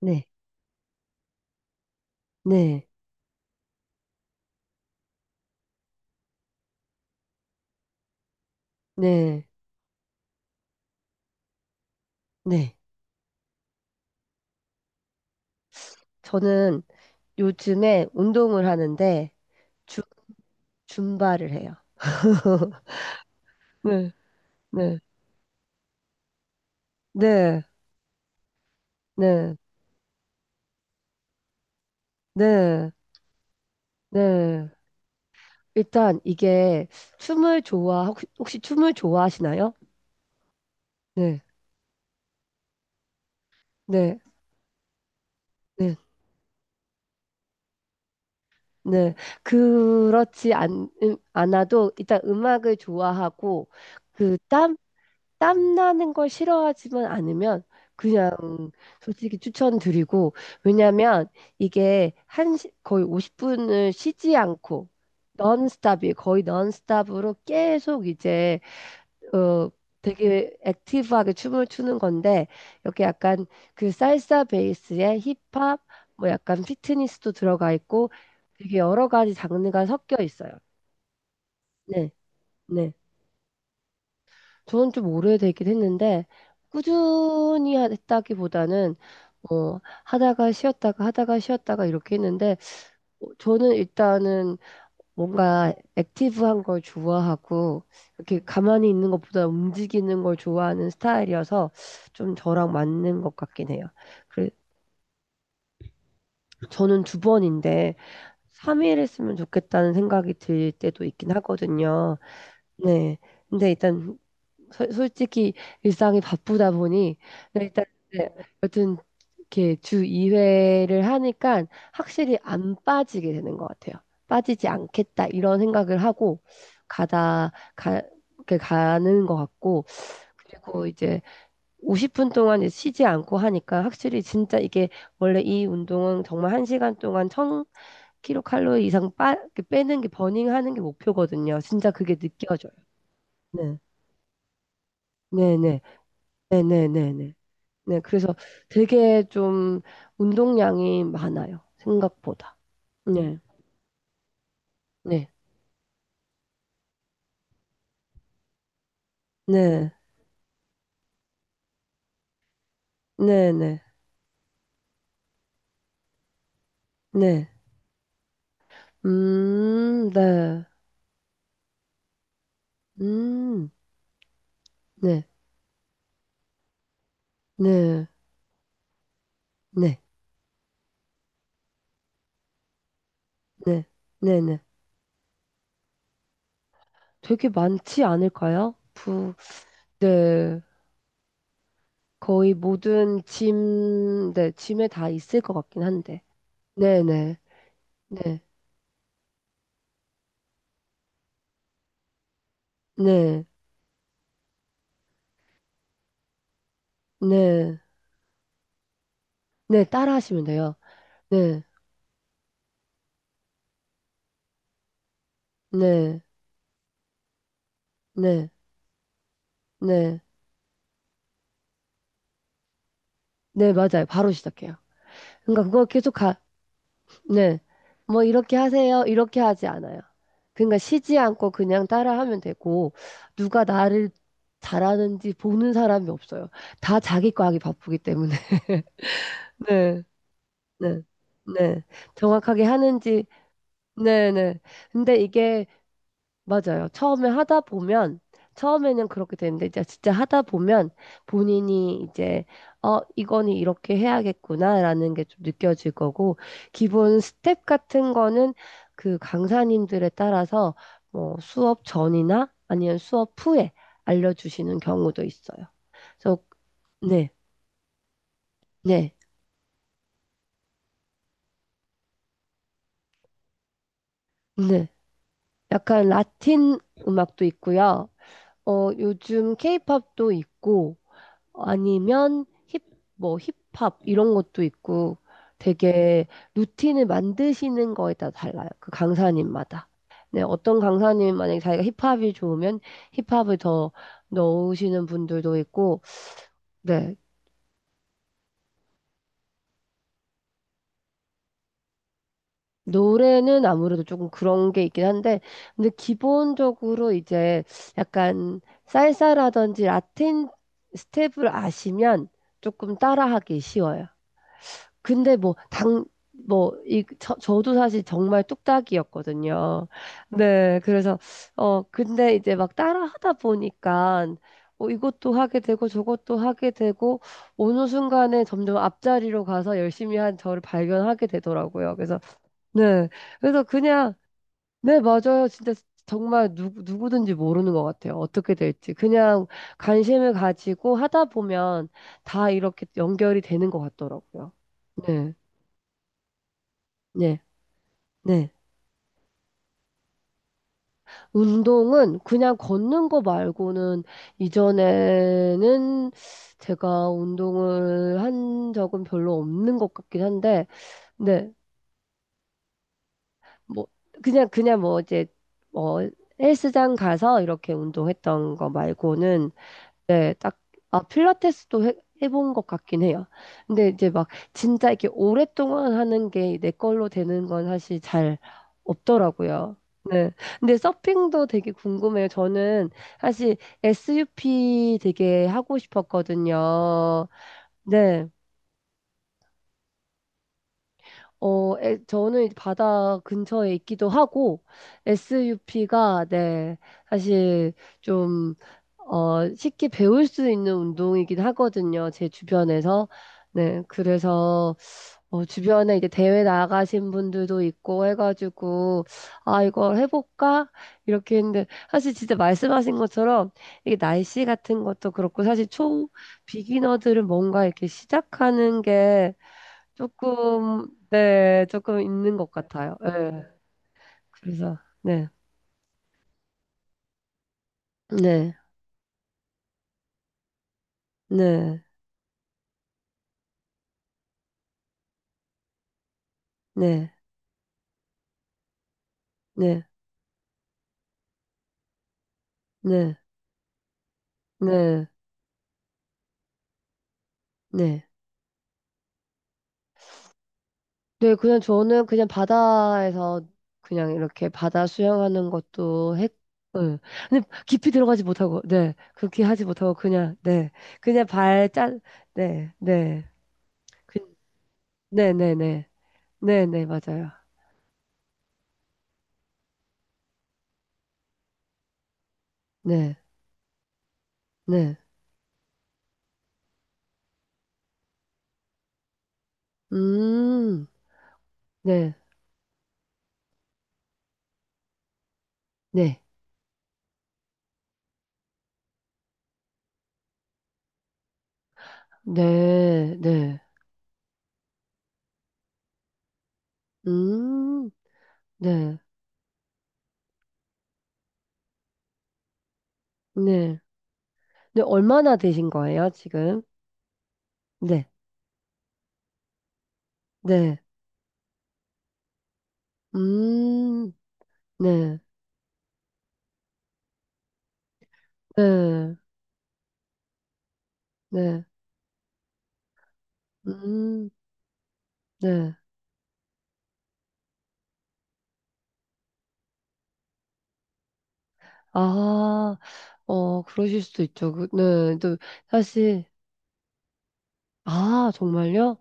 네, 네, 네, 네. 저는 요즘에 운동을 하는데 줌, 줌바를 해요. 네, 네, 네, 네, 네, 네. 일단 이게 혹시 춤을 좋아하시나요? 네, 네, 네, 네. 그렇지 않아도 일단 음악을 좋아하고 그 땀 나는 걸 싫어하지만 않으면 그냥 솔직히 추천드리고 왜냐면 이게 거의 50분을 쉬지 않고 넌스톱이 거의 넌스톱으로 계속 이제 어 되게 액티브하게 춤을 추는 건데 이렇게 약간 그 살사 베이스에 힙합 뭐 약간 피트니스도 들어가 있고 되게 여러 가지 장르가 섞여 있어요. 네. 네. 저는 좀 오래되긴 했는데, 꾸준히 했다기보다는, 어, 하다가 쉬었다가 하다가 쉬었다가 이렇게 했는데, 저는 일단은 뭔가 액티브한 걸 좋아하고, 이렇게 가만히 있는 것보다 움직이는 걸 좋아하는 스타일이어서 좀 저랑 맞는 것 같긴 해요. 그래, 저는 두 번인데, 3일 했으면 좋겠다는 생각이 들 때도 있긴 하거든요. 네. 근데 일단 솔직히 일상이 바쁘다 보니 네, 일단 네, 여튼 이렇게 주 2회를 하니까 확실히 안 빠지게 되는 것 같아요. 빠지지 않겠다 이런 생각을 하고 가다 가 이렇게 가는 것 같고 그리고 이제 50분 동안 이제 쉬지 않고 하니까 확실히 진짜 이게 원래 이 운동은 정말 1시간 동안 1000kcal 이상 이렇게 빼는 게 버닝하는 게 목표거든요. 진짜 그게 느껴져요. 네. 네네. 네네네네. 네, 그래서 되게 좀 운동량이 많아요. 생각보다. 네, 네, 네, 네, 네, 네. 네, 음, 네, 네, 네, 네, 네, 네. 되게 많지 않을까요? 네, 거의 모든 짐, 네, 짐에 다 있을 것 같긴 한데. 네, 네, 네, 네, 네, 네, 따라 하시면 돼요. 네, 네, 네, 네, 네, 네, 맞아요. 바로 시작해요. 그러니까 그거 계속 가, 네. 뭐 이렇게 하세요. 이렇게 하지 않아요. 그러니까 쉬지 않고 그냥 따라하면 되고 누가 나를 잘하는지 보는 사람이 없어요. 다 자기 거 하기 바쁘기 때문에. 네. 네. 네. 정확하게 하는지. 네, 네. 근데 이게 맞아요. 처음에 하다 보면, 처음에는 그렇게 되는데, 이제 진짜 하다 보면 본인이 이제, 이거는 이렇게 해야겠구나라는 게 좀 느껴질 거고, 기본 스텝 같은 거는 그 강사님들에 따라서 뭐 수업 전이나 아니면 수업 후에 알려주시는 경우도 있어요. 그래서, 네, 네, 네. 약간 라틴 음악도 있고요. 요즘 케이팝도 있고, 아니면 뭐 힙합 이런 것도 있고 되게 루틴을 만드시는 거에 따라 달라요. 그 강사님마다. 네, 어떤 강사님 만약에 자기가 힙합이 좋으면 힙합을 더 넣으시는 분들도 있고, 네. 노래는 아무래도 조금 그런 게 있긴 한데, 근데 기본적으로 이제 약간 살사라든지 라틴 스텝을 아시면 조금 따라하기 쉬워요. 근데 뭐, 당, 뭐, 이, 저, 저도 사실 정말 뚝딱이었거든요. 네, 그래서, 근데 이제 막 따라 하다 보니까, 이것도 하게 되고 저것도 하게 되고, 어느 순간에 점점 앞자리로 가서 열심히 한 저를 발견하게 되더라고요. 그래서, 네, 그래서 그냥, 네, 맞아요. 진짜 정말 누구든지 모르는 것 같아요. 어떻게 될지. 그냥 관심을 가지고 하다 보면 다 이렇게 연결이 되는 것 같더라고요. 네. 네. 네. 운동은 그냥 걷는 거 말고는 이전에는 제가 운동을 한 적은 별로 없는 것 같긴 한데, 네. 뭐, 그냥 뭐 이제, 뭐, 헬스장 가서 이렇게 운동했던 거 말고는 네, 딱, 아, 필라테스도 해본 것 같긴 해요. 근데 이제 막 진짜 이렇게 오랫동안 하는 게 내 걸로 되는 건 사실 잘 없더라고요. 네. 근데 서핑도 되게 궁금해요. 저는 사실 SUP 되게 하고 싶었거든요. 네. 저는 이제 바다 근처에 있기도 하고, SUP가, 네, 사실 좀, 쉽게 배울 수 있는 운동이긴 하거든요. 제 주변에서. 네, 그래서, 주변에 이제 대회 나가신 분들도 있고 해가지고, 아, 이걸 해볼까? 이렇게 했는데, 사실 진짜 말씀하신 것처럼, 이게 날씨 같은 것도 그렇고, 사실 초 비기너들은 뭔가 이렇게 시작하는 게, 조금, 네, 조금 있는 것 같아요. 네, 그래서, 네, 네, 네, 네, 네, 네, 네, 네. 네, 그냥 저는 그냥 바다에서 그냥 이렇게 바다 수영하는 것도 응. 근데 깊이 들어가지 못하고, 네, 그렇게 하지 못하고, 그냥, 네, 그냥 발 짠, 네, 네, 그, 네, 네, 네, 네, 네, 맞아요. 네, 네, 음, 네, 네, 네, 네. 음, 네, 네. 네, 얼마나 되신 거예요, 지금? 네, 네. 음, 네, 네, 네. 음, 네. 아, 그러실 수도 있죠. 그, 네, 또, 사실, 아, 정말요?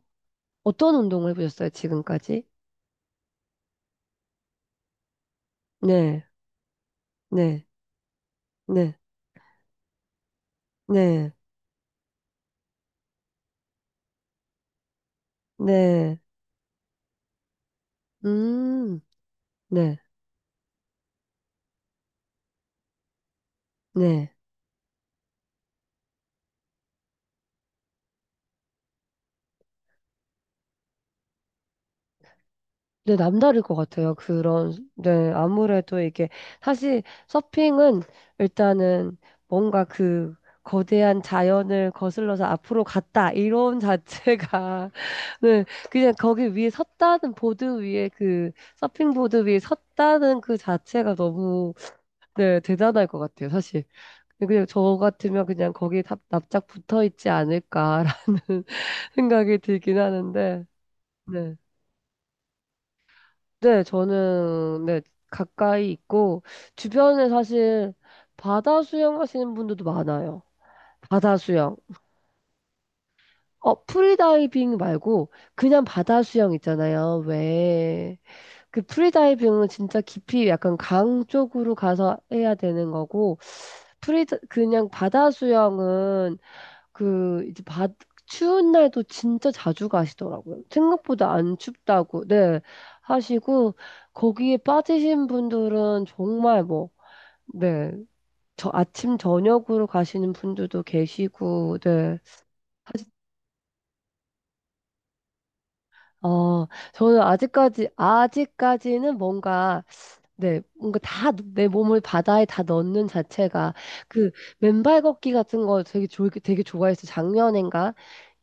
어떤 운동을 해보셨어요, 지금까지? 네, 네, 네, 네, 네. 음, 네, 네. 네, 남다를 것 같아요. 그런, 네, 아무래도 이게, 사실 서핑은 일단은 뭔가 그 거대한 자연을 거슬러서 앞으로 갔다, 이론 자체가, 네, 그냥 거기 위에 섰다는 보드 위에 서핑보드 위에 섰다는 그 자체가 너무, 네, 대단할 것 같아요, 사실. 그냥 저 같으면 그냥 거기에 납작 붙어 있지 않을까라는 생각이 들긴 하는데, 네. 네, 저는, 네, 가까이 있고, 주변에 사실 바다 수영하시는 분들도 많아요. 바다 수영. 프리다이빙 말고, 그냥 바다 수영 있잖아요. 왜? 그 프리다이빙은 진짜 깊이 약간 강 쪽으로 가서 해야 되는 거고, 그냥 바다 수영은 그 이제 바 추운 날도 진짜 자주 가시더라고요. 생각보다 안 춥다고 네 하시고 거기에 빠지신 분들은 정말 뭐 네. 저 아침 저녁으로 가시는 분들도 계시고 네. 어, 저는 아직까지는 뭔가 네, 뭔가 다 내 몸을 바다에 다 넣는 자체가 그 맨발 걷기 같은 거 되게 좋아해서 작년인가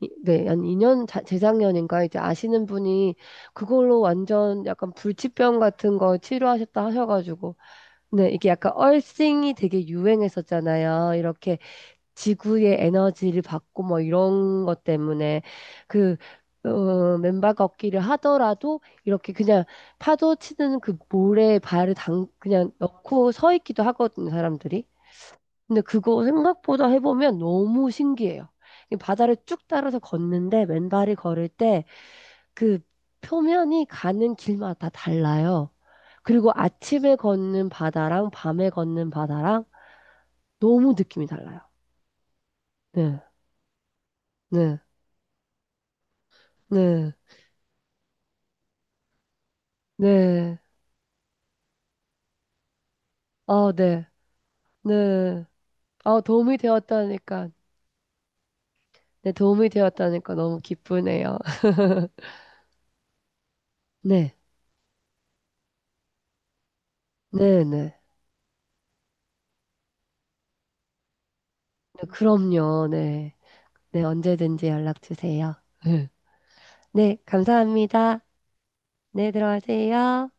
네, 한 2년 재작년인가 이제 아시는 분이 그걸로 완전 약간 불치병 같은 거 치료하셨다 하셔가지고 네, 이게 약간 얼싱이 되게 유행했었잖아요. 이렇게 지구의 에너지를 받고 뭐 이런 것 때문에 그 맨발 걷기를 하더라도 이렇게 그냥 파도 치는 그 모래에 발을 당 그냥 넣고 서 있기도 하거든요, 사람들이. 근데 그거 생각보다 해보면 너무 신기해요. 이 바다를 쭉 따라서 걷는데 맨발이 걸을 때 그 표면이 가는 길마다 달라요. 그리고 아침에 걷는 바다랑 밤에 걷는 바다랑 너무 느낌이 달라요. 네, 네, 네. 네. 아, 네. 네. 아, 도움이 되었다니까. 네, 도움이 되었다니까 너무 기쁘네요. 네. 네, 네. 네, 그럼요. 네. 네, 언제든지 연락 주세요. 네, 감사합니다. 네, 들어가세요.